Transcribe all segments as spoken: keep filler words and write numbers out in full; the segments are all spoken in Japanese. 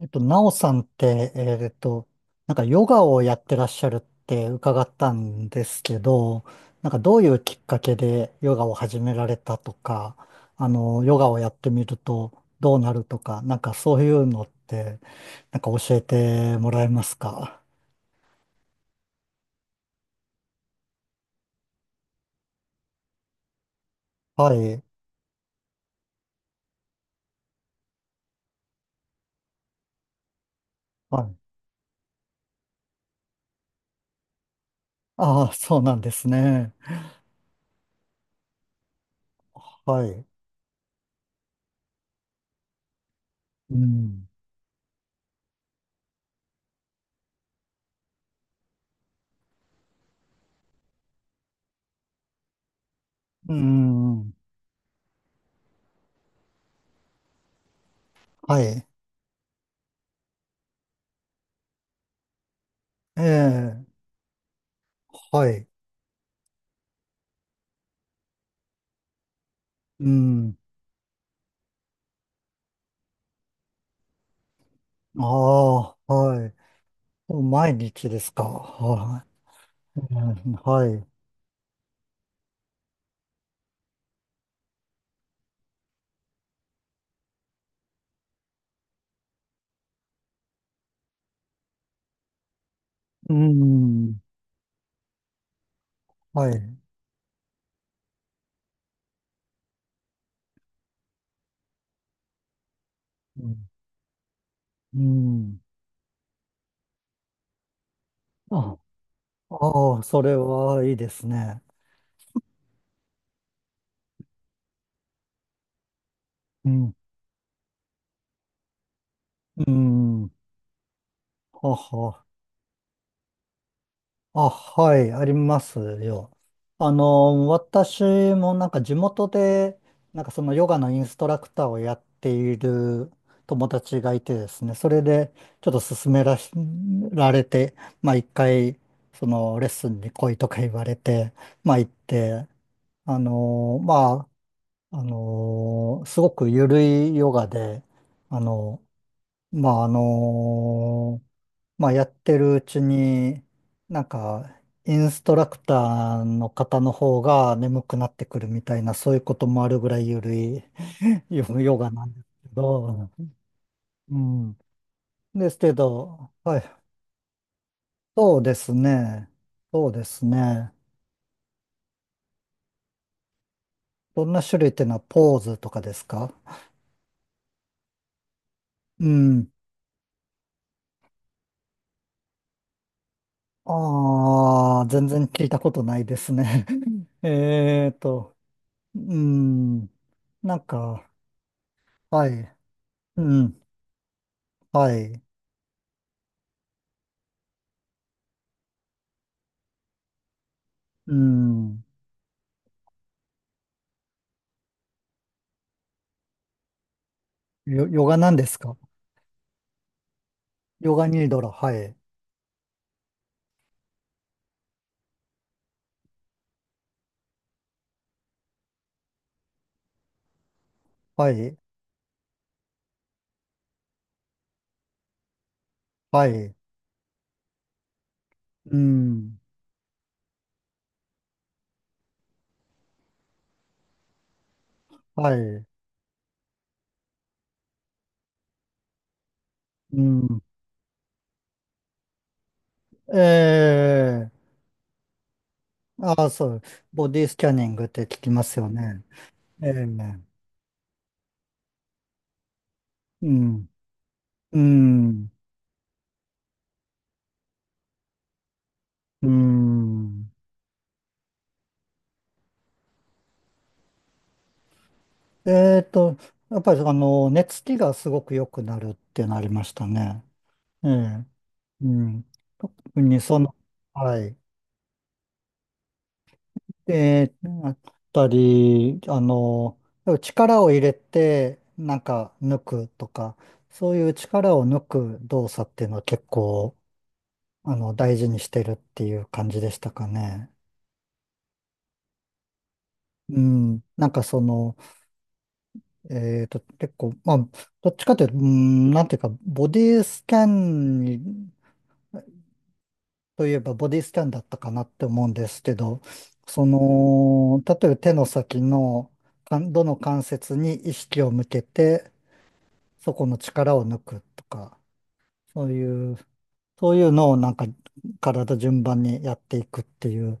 えっと、なおさんって、えっと、なんかヨガをやってらっしゃるって伺ったんですけど、なんかどういうきっかけでヨガを始められたとか、あの、ヨガをやってみるとどうなるとか、なんかそういうのって、なんか教えてもらえますか？はい。はい。ああ、そうなんですね。はい。うん。うん。はい。ええ。はい。うん。ああ、はい。毎日ですか？はい。うん、はい。うん。はい。うん。うん、あ、ああ、それはいいですね。うん。うん。はは。あ、はい、ありますよ。あの、私もなんか地元で、なんかそのヨガのインストラクターをやっている友達がいてですね、それでちょっと勧めらし、られて、まあ一回、そのレッスンに来いとか言われて、まあ行って、あのーまあ、あのーすごく緩いヨガで、あのまあ、あのまあ、やってるうちに、なんか、インストラクターの方の方が眠くなってくるみたいな、そういうこともあるぐらいゆるい ヨヨガなんですけど、うん。ですけど、はい。そうですね。そうですね。どんな種類っていうのはポーズとかですか？うん。ああ、全然聞いたことないですね。えーと、うん。なんか、はい。うん。はい。うん。よ、ヨガなんですか？ヨガニードル、はい。はい。はい。うん。はい。うん。ええ、ああ、そう。ボディスキャニングって聞きますよね。ええ、うん。うん。うん。えっと、やっぱり、あの、寝つきがすごく良くなるってなりましたね。ええ、うん。特にその、はい。で、あったり、あの、力を入れて、なんか抜くとか、そういう力を抜く動作っていうのは結構、あの、大事にしてるっていう感じでしたかね。うん。なんかその、えっと、結構、まあ、どっちかというと、うん、なんていうか、ボディスキャンにといえばボディスキャンだったかなって思うんですけど、その、例えば手の先の、かんどの関節に意識を向けて、そこの力を抜くとか、そういう、そういうのをなんか体順番にやっていくっていう、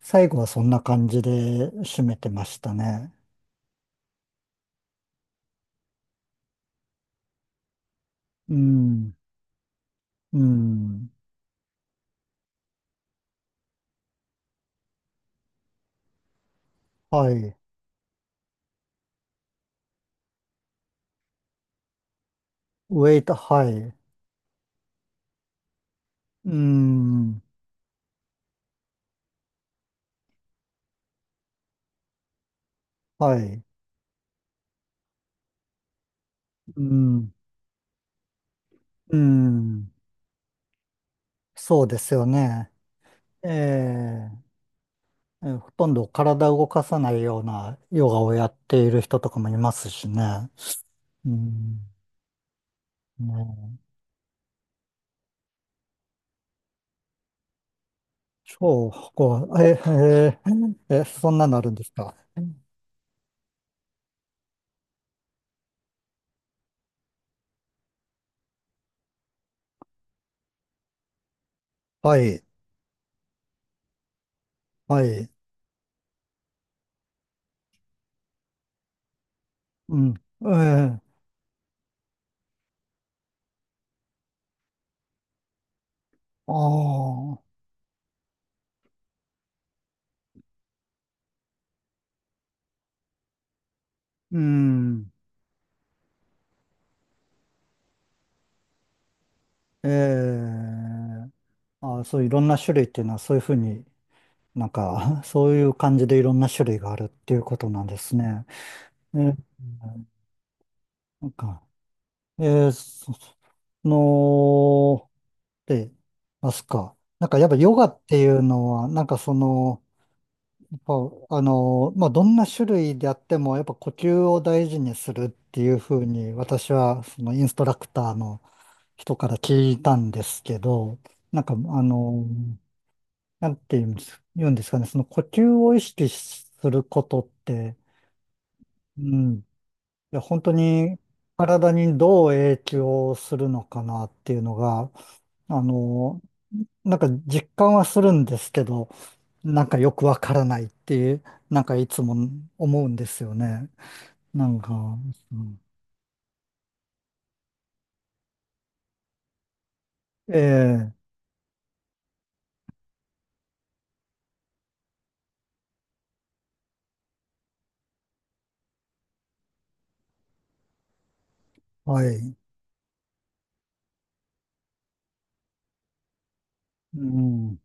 最後はそんな感じで締めてましたね。うん、うん、はい。ウェイト、はい。うん、はい。うん、うん、そうですよね。ええ、えーほとんど体を動かさないようなヨガをやっている人とかもいますしね。うん、ね、超こう、え、えー、え、そんなのあるんですか？はい、はい、うん、えー、ああ、うん、えー、あー、そういろんな種類っていうのはそういうふうになんか、そういう感じでいろんな種類があるっていうことなんですね。えー、なんか、えー、そその、で、ますか。なんかやっぱヨガっていうのは、なんかその、ぱあの、まあ、どんな種類であっても、やっぱ呼吸を大事にするっていうふうに、私はそのインストラクターの人から聞いたんですけど、なんか、あの、なんて言うんです、言うんですかね、その呼吸を意識することって、うん、いや、本当に体にどう影響するのかなっていうのが、あの、なんか実感はするんですけど、なんかよくわからないっていう、なんかいつも思うんですよね。なんか、うん、ええ、はい。うん、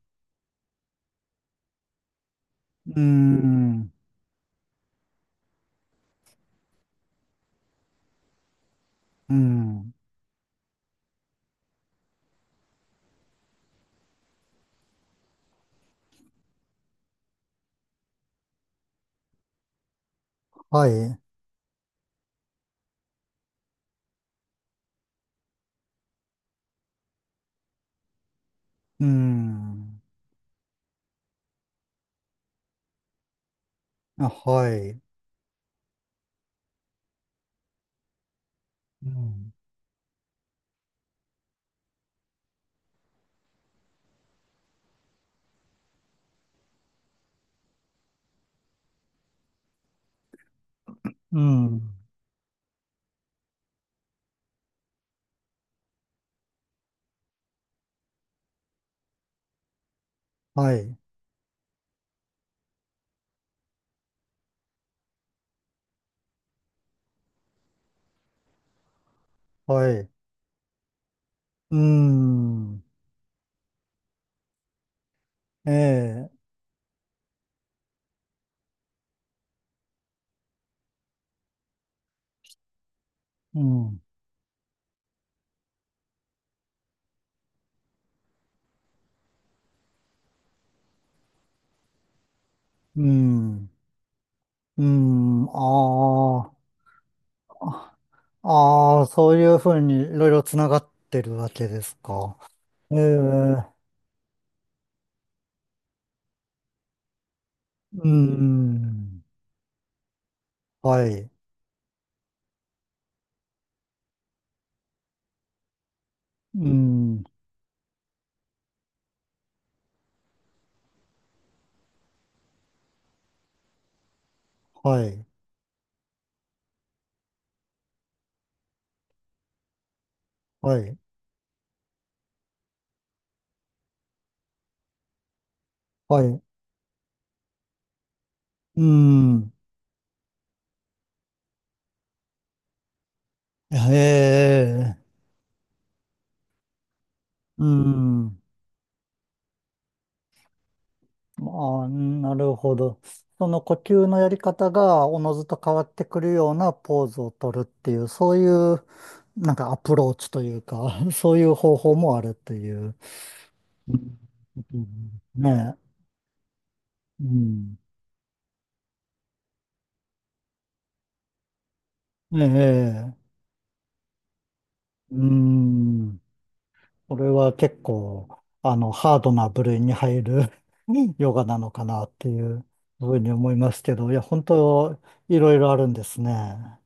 うん、うん、はい、うん、あ、はい、うん、うん、はい、はい、うん、ええ、うん、うん、うん、ああ、ああ、そういうふうにいろいろつながってるわけですか？ええ、うん。はい。うん。はい。はい。はい。うん。へえ。うん。ああ、なるほど。その呼吸のやり方がおのずと変わってくるようなポーズを取るっていう、そういう、なんかアプローチというか、そういう方法もあるという。うん、ねえ。うん。ええ。うん。これは結構、あの、ハードな部類に入る ヨガなのかなっていうふうに思いますけど、いや、本当、いろいろあるんですね。